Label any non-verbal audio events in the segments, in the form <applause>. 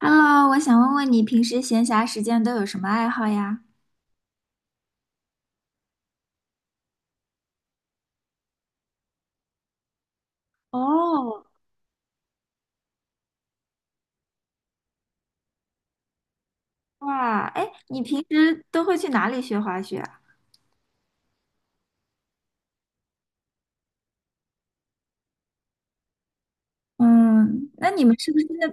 Hello，我想问问你平时闲暇时间都有什么爱好呀？哦，哇，哎，你平时都会去哪里学滑雪啊？嗯，那你们是不是那，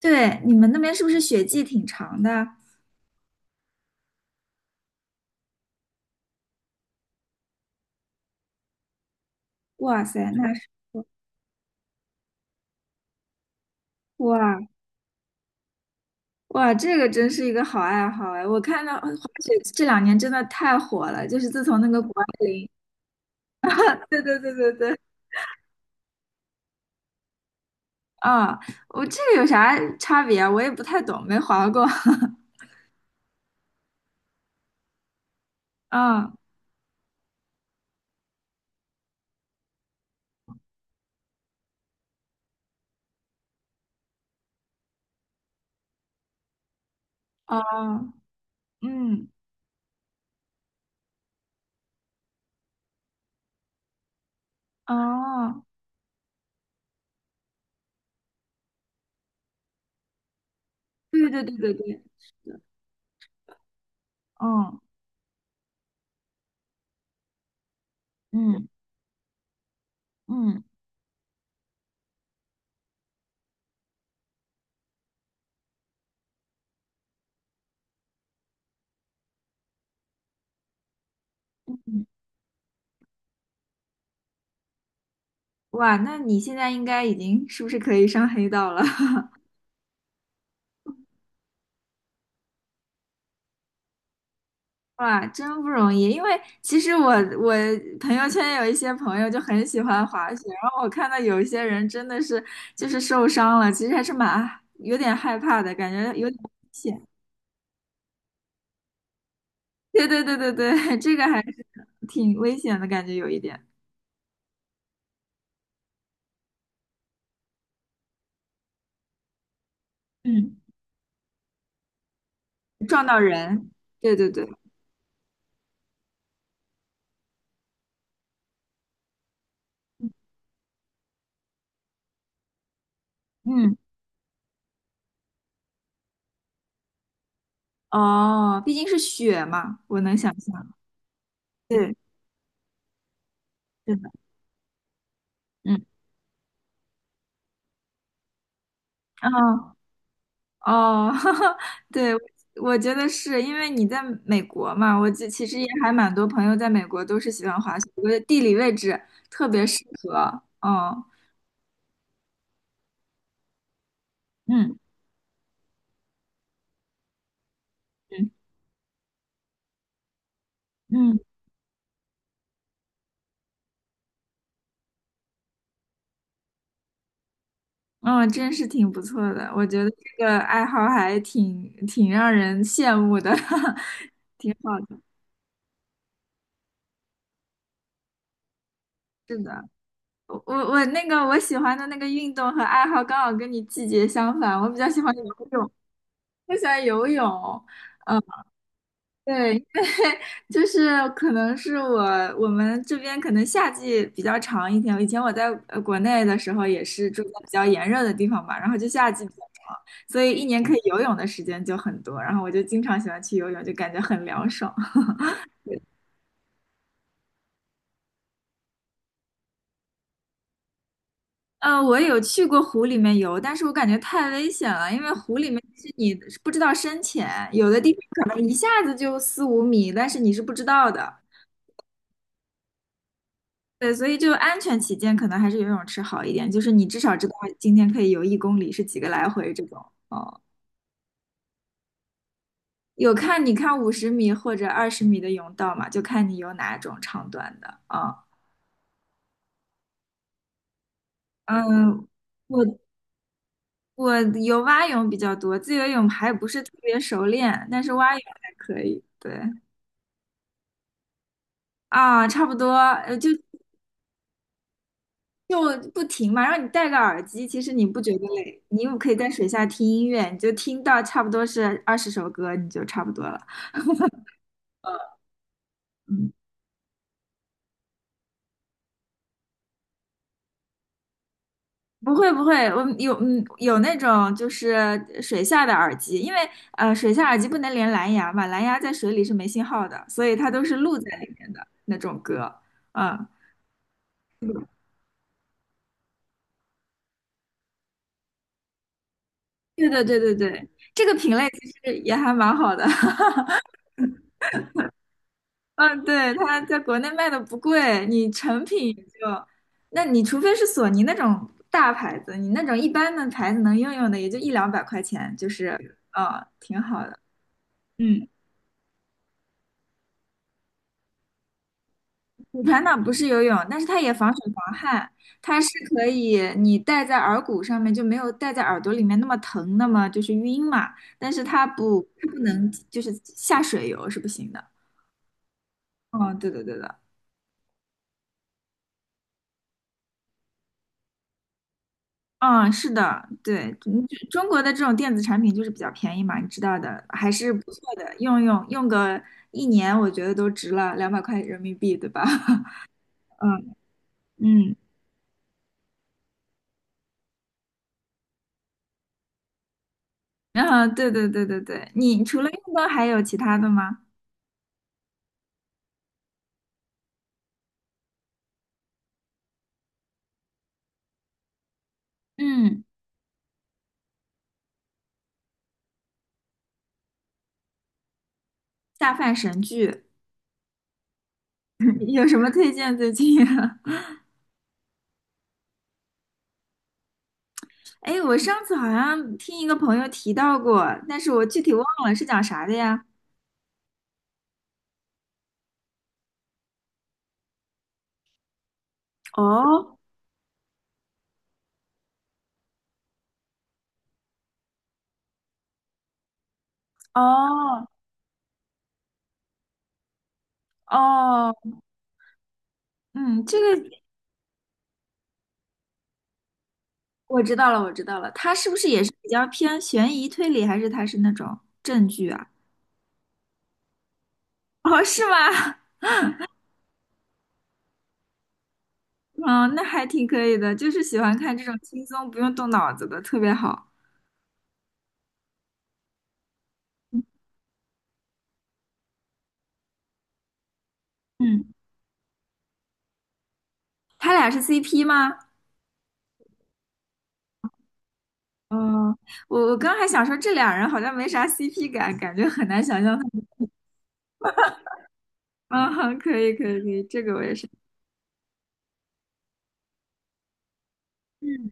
对，你们那边是不是雪季挺长的？哇塞，那是 <laughs>，哇哇，这个真是一个好爱好哎！我看到滑雪这两年真的太火了，就是自从那个谷爱凌，<laughs> 对对对对对，啊、我这个有啥差别啊？我也不太懂，没滑过。<laughs> 啊，哦，嗯。哦，对对对对对，是的，嗯嗯嗯嗯，哇，那你现在应该已经是不是可以上黑道了？<laughs> 哇，真不容易，因为其实我朋友圈有一些朋友就很喜欢滑雪，然后我看到有一些人真的是就是受伤了，其实还是蛮有点害怕的，感觉有点危险。对对对对对，<laughs> 这个还是挺危险的感觉，有一点，嗯，撞到人，对对对，嗯。哦，毕竟是雪嘛，我能想象。对，是的，嗯，哦哦，<laughs> 哈哈，对，我觉得是因为你在美国嘛，我其实也还蛮多朋友在美国都是喜欢滑雪，我觉得地理位置特别适合。哦，嗯嗯嗯，嗯，真是挺不错的，我觉得这个爱好还挺让人羡慕的，<laughs> 挺好的。是的，我那个我喜欢的那个运动和爱好刚好跟你季节相反，我比较喜欢游泳，我喜欢游泳。对，因为 <laughs> 就是可能是我们这边可能夏季比较长一点，以前我在国内的时候也是住在比较炎热的地方嘛，然后就夏季比较长，所以一年可以游泳的时间就很多，然后我就经常喜欢去游泳，就感觉很凉爽。我有去过湖里面游，但是我感觉太危险了，因为湖里面是你不知道深浅，有的地方可能一下子就四五米，但是你是不知道的。对，所以就安全起见，可能还是游泳池好一点，就是你至少知道今天可以游一公里是几个来回这种。哦，有看你看五十米或者二十米的泳道嘛，就看你游哪种长短的啊。嗯，我我游蛙泳比较多，自由泳还不是特别熟练，但是蛙泳还可以。对。啊，差不多，就不停嘛，然后你戴个耳机，其实你不觉得累，你又可以在水下听音乐，你就听到差不多是二十首歌，你就差不多了。嗯，不会不会，我有那种就是水下的耳机，因为水下耳机不能连蓝牙嘛，蓝牙在水里是没信号的，所以它都是录在里面的那种歌。嗯，对对对对对，这个品类其实也还蛮好的。<laughs> 嗯，对，它在国内卖的不贵，你成品也就，那你除非是索尼那种大牌子，你那种一般的牌子能用用的也就一两百块钱，就是，嗯，挺好的。嗯，骨传导不是游泳，但是它也防水防汗，它是可以你戴在耳骨上面就没有戴在耳朵里面那么疼，那么就是晕嘛。但是它不，它不能就是下水游是不行的。哦，对的对的，嗯，是的，对，就中国的这种电子产品就是比较便宜嘛，你知道的，还是不错的，用个一年，我觉得都值了，两百块人民币，对吧？<laughs> 嗯嗯，然后对对对对对，你除了运动还有其他的吗？嗯，下饭神剧 <laughs> 有什么推荐最近啊？<laughs> 哎，我上次好像听一个朋友提到过，但是我具体忘了是讲啥的呀？哦哦哦，嗯，这个我知道了，我知道了，他是不是也是比较偏悬疑推理，还是他是那种证据啊？哦，是吗？嗯，那还挺可以的，就是喜欢看这种轻松不用动脑子的，特别好。嗯，嗯他俩是 CP 吗？嗯，我刚还想说这俩人好像没啥 CP 感，感觉很难想象他们。嗯，哼可以可以可以，这个我也是。嗯，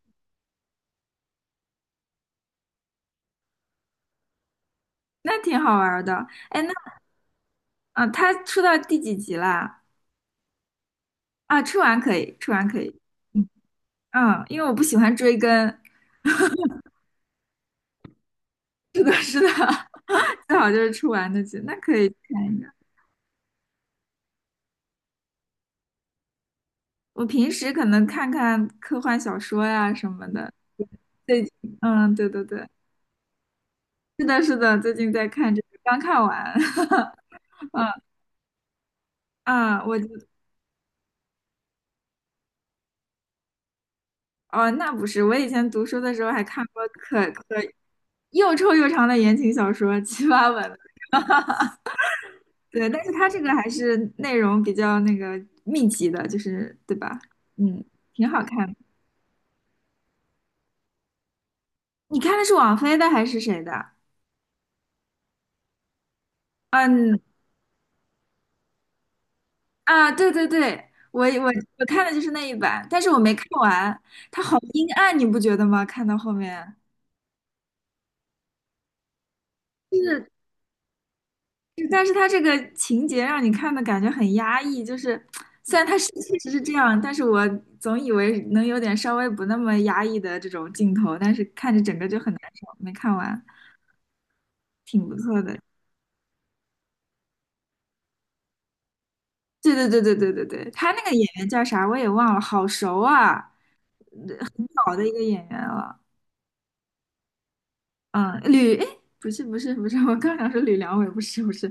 那挺好玩儿的。哎，那啊，他出到第几集啦？啊，出完可以，出完可以。嗯，因为我不喜欢追更，是的，是的，<laughs> 最好就是出完的剧，那可以看一下。我平时可能看看科幻小说呀什么的。最近，嗯，对对对，是的，是的，最近在看这个，刚看完。<laughs> 啊，哦，那不是，我以前读书的时候还看过又臭又长的言情小说，七八本的。对，但是它这个还是内容比较那个密集的，就是对吧？嗯，挺好看的。你看的是王菲的还是谁的？嗯，啊，对对对，我看的就是那一版，但是我没看完，它好阴暗，你不觉得吗？看到后面，就是就，但是它这个情节让你看的感觉很压抑，就是虽然它是确实是这样，但是我总以为能有点稍微不那么压抑的这种镜头，但是看着整个就很难受，没看完，挺不错的。对对对对对对对，他那个演员叫啥我也忘了，好熟啊，老的一个演员了。嗯，哎，不是不是不是，我刚想说吕良伟，不是不是，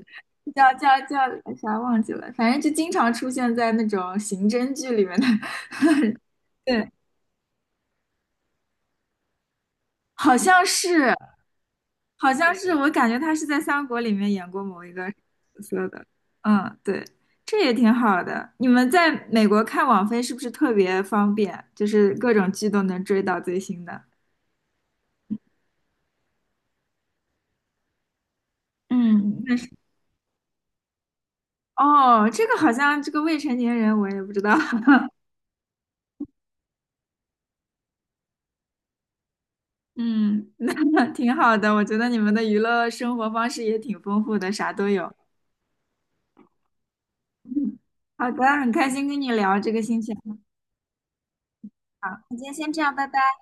叫啥忘记了，反正就经常出现在那种刑侦剧里面的，<laughs> 对，好像是，好像是，我感觉他是在《三国》里面演过某一个角色的，嗯，对，这也挺好的。你们在美国看网飞是不是特别方便？就是各种剧都能追到最新的。嗯，那是。哦，这个好像这个未成年人我也不知道。<laughs> 嗯，<laughs> 那挺好的，我觉得你们的娱乐生活方式也挺丰富的，啥都有。嗯好的，很开心跟你聊这个心情爱好，那今天先这样，拜拜。